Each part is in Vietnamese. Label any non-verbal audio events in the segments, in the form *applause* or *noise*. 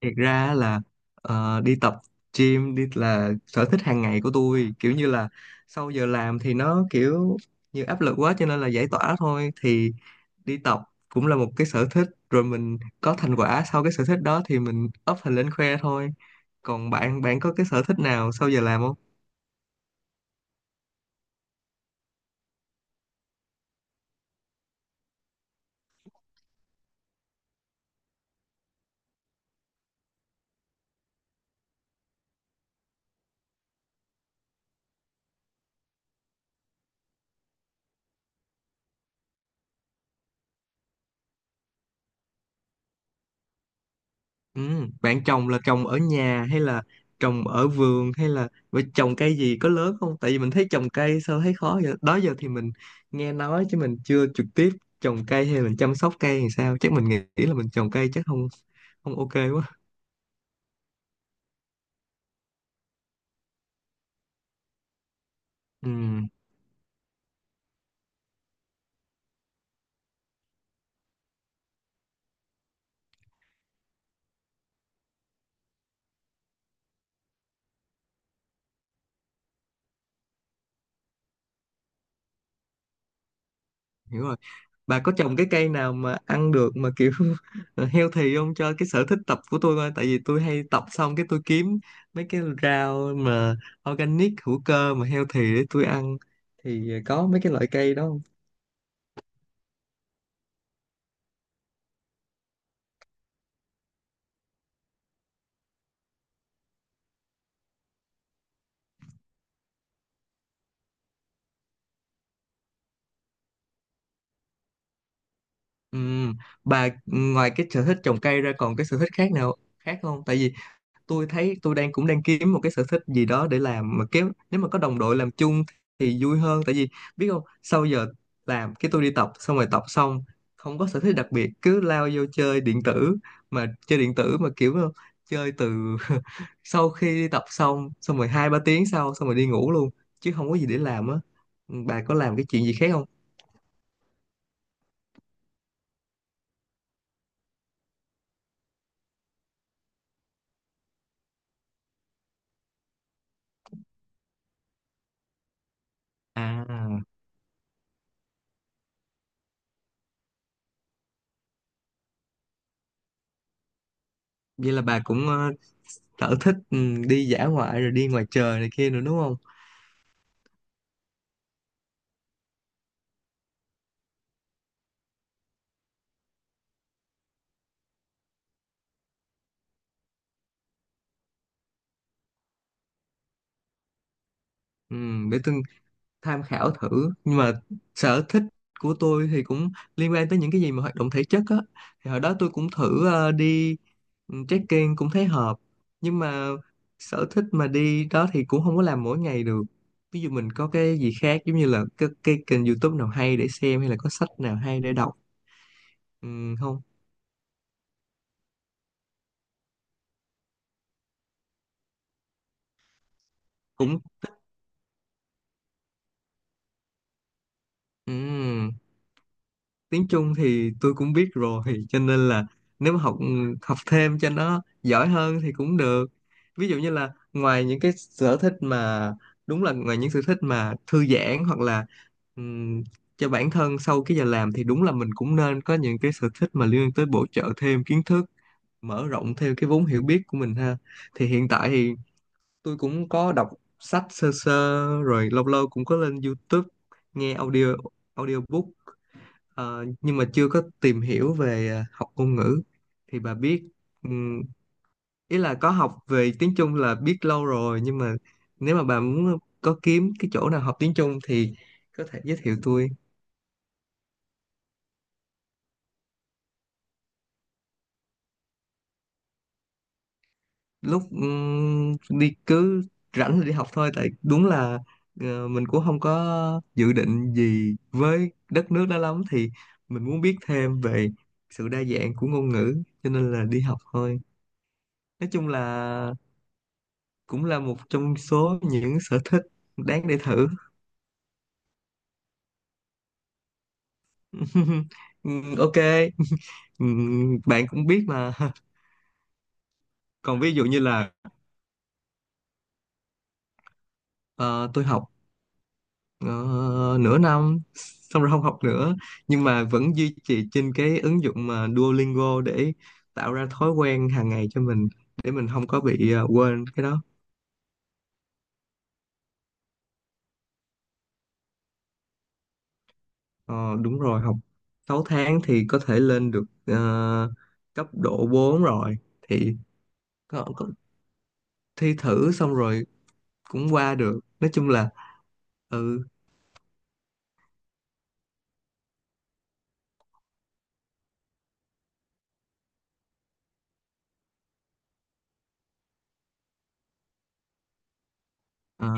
Thiệt ra á là đi tập gym đi là sở thích hàng ngày của tôi, kiểu như là sau giờ làm thì nó kiểu như áp lực quá, cho nên là giải tỏa thôi. Thì đi tập cũng là một cái sở thích, rồi mình có thành quả sau cái sở thích đó thì mình up hình lên khoe thôi. Còn bạn bạn có cái sở thích nào sau giờ làm không? Ừ, bạn trồng là trồng ở nhà hay là trồng ở vườn hay là vậy, trồng cây gì có lớn không? Tại vì mình thấy trồng cây sao thấy khó vậy? Đó giờ thì mình nghe nói chứ mình chưa trực tiếp trồng cây hay mình chăm sóc cây thì sao? Chắc mình nghĩ là mình trồng cây chắc không không ok quá. Ừ, hiểu rồi. Bà có trồng cái cây nào mà ăn được mà kiểu *laughs* healthy không, cho cái sở thích tập của tôi coi? Tại vì tôi hay tập xong cái tôi kiếm mấy cái rau mà organic, hữu cơ mà healthy để tôi ăn, thì có mấy cái loại cây đó không? Ừm, bà ngoài cái sở thích trồng cây ra còn cái sở thích khác nào khác không? Tại vì tôi thấy tôi đang cũng đang kiếm một cái sở thích gì đó để làm, mà kiếm nếu mà có đồng đội làm chung thì vui hơn. Tại vì biết không, sau giờ làm cái tôi đi tập, xong rồi tập xong không có sở thích đặc biệt cứ lao vô chơi điện tử. Mà chơi điện tử mà kiểu chơi từ *laughs* sau khi đi tập xong, xong rồi 2 3 tiếng sau xong rồi đi ngủ luôn chứ không có gì để làm á. Bà có làm cái chuyện gì khác không? À, vậy là bà cũng sở thích đi dã ngoại rồi đi ngoài trời này kia nữa đúng không? Ừ, để tôi tham khảo thử. Nhưng mà sở thích của tôi thì cũng liên quan tới những cái gì mà hoạt động thể chất á, thì hồi đó tôi cũng thử đi trekking cũng thấy hợp. Nhưng mà sở thích mà đi đó thì cũng không có làm mỗi ngày được. Ví dụ mình có cái gì khác giống như là cái kênh YouTube nào hay để xem, hay là có sách nào hay để đọc ừ, không? Cũng ừ. Tiếng Trung thì tôi cũng biết rồi, cho nên là nếu mà học học thêm cho nó giỏi hơn thì cũng được. Ví dụ như là ngoài những cái sở thích mà đúng là ngoài những sở thích mà thư giãn hoặc là ừm, cho bản thân sau cái giờ làm, thì đúng là mình cũng nên có những cái sở thích mà liên quan tới bổ trợ thêm kiến thức, mở rộng thêm cái vốn hiểu biết của mình ha. Thì hiện tại thì tôi cũng có đọc sách sơ sơ, rồi lâu lâu cũng có lên YouTube nghe audio, audiobook. Ờ, nhưng mà chưa có tìm hiểu về học ngôn ngữ thì bà biết ừm, ý là có học về tiếng Trung là biết lâu rồi. Nhưng mà nếu mà bà muốn có kiếm cái chỗ nào học tiếng Trung thì có thể giới thiệu tôi. Lúc đi cứ rảnh thì đi học thôi, tại đúng là mình cũng không có dự định gì với đất nước đó lắm, thì mình muốn biết thêm về sự đa dạng của ngôn ngữ cho nên là đi học thôi. Nói chung là cũng là một trong số những sở thích đáng để thử. *laughs* Ok. *laughs* Bạn cũng biết mà. *laughs* Còn ví dụ như là ờ, tôi học ờ, nửa năm xong rồi không học nữa, nhưng mà vẫn duy trì trên cái ứng dụng mà Duolingo để tạo ra thói quen hàng ngày cho mình, để mình không có bị quên cái đó. Ờ, đúng rồi, học 6 tháng thì có thể lên được cấp độ 4 rồi thì có thi thử xong rồi cũng qua được, nói chung là ừ. Ờ,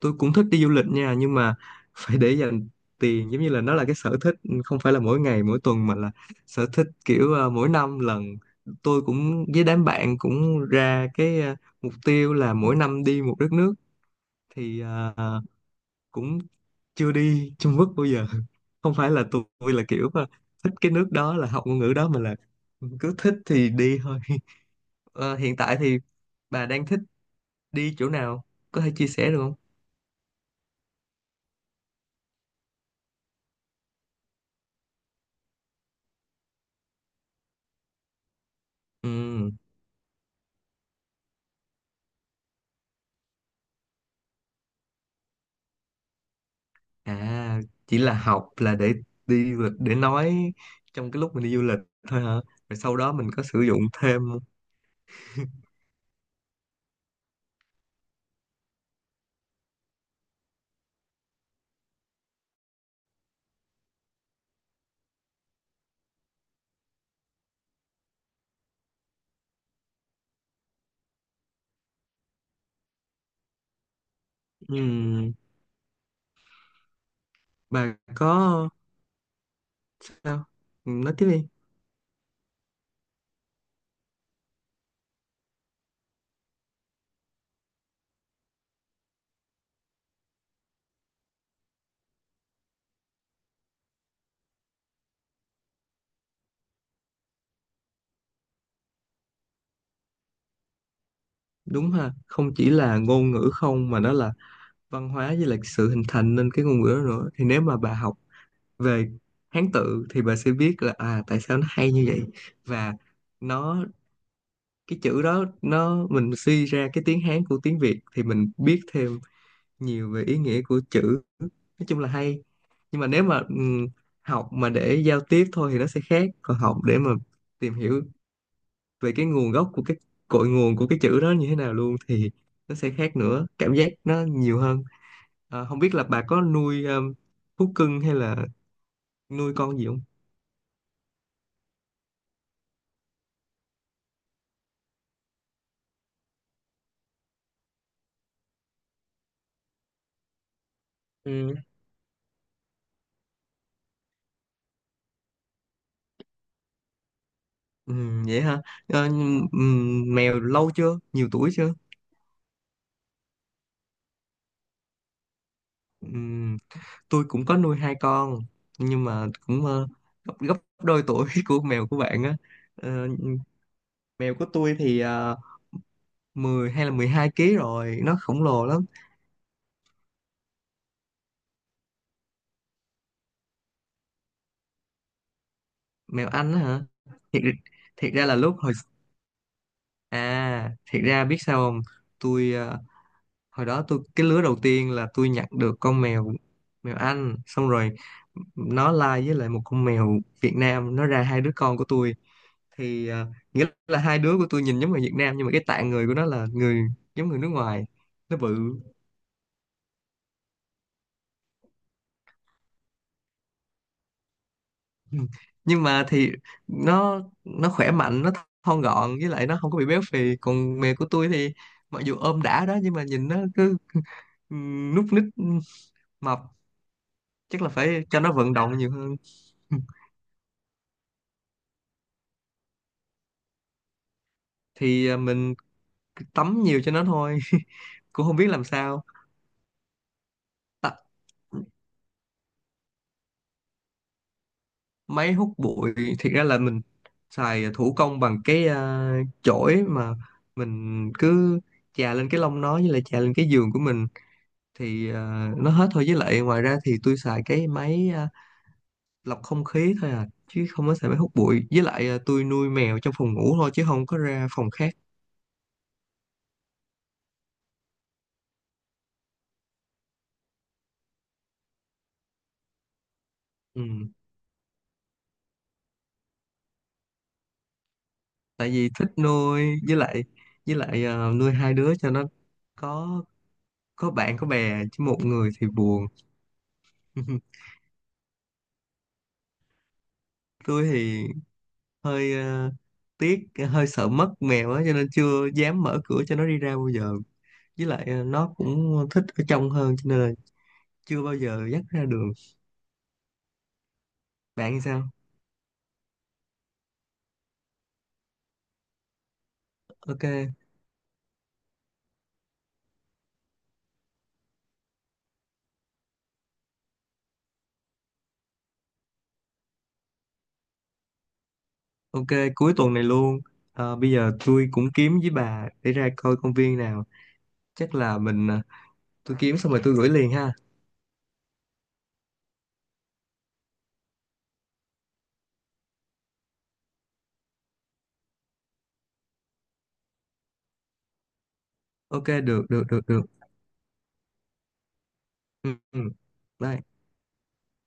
tôi cũng thích đi du lịch nha, nhưng mà phải để dành tiền. Giống như là nó là cái sở thích không phải là mỗi ngày mỗi tuần, mà là sở thích kiểu mỗi năm lần. Tôi cũng với đám bạn cũng ra cái mục tiêu là mỗi năm đi một đất nước, thì ờ, cũng chưa đi Trung Quốc bao giờ. *laughs* Không phải là tôi là kiểu thích cái nước đó là học ngôn ngữ đó, mà là cứ thích thì đi thôi. *laughs* Ờ, hiện tại thì bà đang thích đi chỗ nào, có thể chia sẻ được không? Ừ, à, chỉ là học là để đi du lịch để nói trong cái lúc mình đi du lịch thôi hả, rồi sau đó mình có sử dụng thêm? Ừ, bà có sao? Ừ, nói tiếp đi. Đúng ha, không chỉ là ngôn ngữ không mà nó là văn hóa với lại sự hình thành nên cái ngôn ngữ đó nữa. Thì nếu mà bà học về Hán tự thì bà sẽ biết là à tại sao nó hay như vậy, và nó cái chữ đó nó mình suy ra cái tiếng Hán của tiếng Việt thì mình biết thêm nhiều về ý nghĩa của chữ, nói chung là hay. Nhưng mà nếu mà học mà để giao tiếp thôi thì nó sẽ khác, còn học để mà tìm hiểu về cái nguồn gốc của cái cội nguồn của cái chữ đó như thế nào luôn thì nó sẽ khác nữa, cảm giác nó nhiều hơn. Ờ, không biết là bà có nuôi thú cưng hay là nuôi con gì không? Ừ, ừ, vậy hả. Ờ, mèo lâu chưa, nhiều tuổi chưa? Ừ, tôi cũng có nuôi 2 con nhưng mà cũng gấp gấp đôi tuổi *laughs* của mèo của bạn á. Ờ, mèo của tôi thì 10 hay là 12 kg rồi, nó khổng lồ lắm. Mèo Anh á hả? Thiệt, thiệt ra là lúc hồi à, thiệt ra biết sao không, tôi hồi đó tôi cái lứa đầu tiên là tôi nhặt được con mèo, mèo Anh, xong rồi nó lai với lại một con mèo Việt Nam nó ra 2 đứa con của tôi. Thì à, nghĩa là 2 đứa của tôi nhìn giống người Việt Nam nhưng mà cái tạng người của nó là người giống người nước ngoài, nó bự. *clears throat* Ừ. Nhưng mà thì nó khỏe mạnh, nó thon gọn với lại nó không có bị béo phì. Còn mẹ của tôi thì mặc dù ôm đã đó nhưng mà nhìn nó cứ núp ních, mập. Chắc là phải cho nó vận động nhiều hơn. *clears throat* *laughs* Thì à, mình tắm nhiều cho nó thôi. *laughs* Cũng không biết làm sao. À, máy hút bụi, thiệt ra là mình xài thủ công bằng cái chổi, mà mình cứ chà lên cái lông nó với lại chà lên cái giường của mình thì ờ, nó hết thôi. Với lại ngoài ra thì tôi xài cái máy lọc không khí thôi à, chứ không có xài máy hút bụi. Với lại ờ, tôi nuôi mèo trong phòng ngủ thôi chứ không có ra phòng khác. Ừ. Tại vì thích nuôi, với lại nuôi 2 đứa cho nó có có bạn có bè, chứ một người thì buồn. *laughs* Tôi thì hơi tiếc, hơi sợ mất mèo á, cho nên chưa dám mở cửa cho nó đi ra bao giờ. Với lại ờ, nó cũng thích ở trong hơn cho nên là chưa bao giờ dắt ra đường. Bạn thì sao? Ok. Ok, cuối tuần này luôn. Ờ, bây giờ tôi cũng kiếm với bà để ra coi công viên nào. Chắc là mình tôi kiếm xong rồi tôi gửi liền ha. Ok, được được được được. Ừ, ừ. Bye.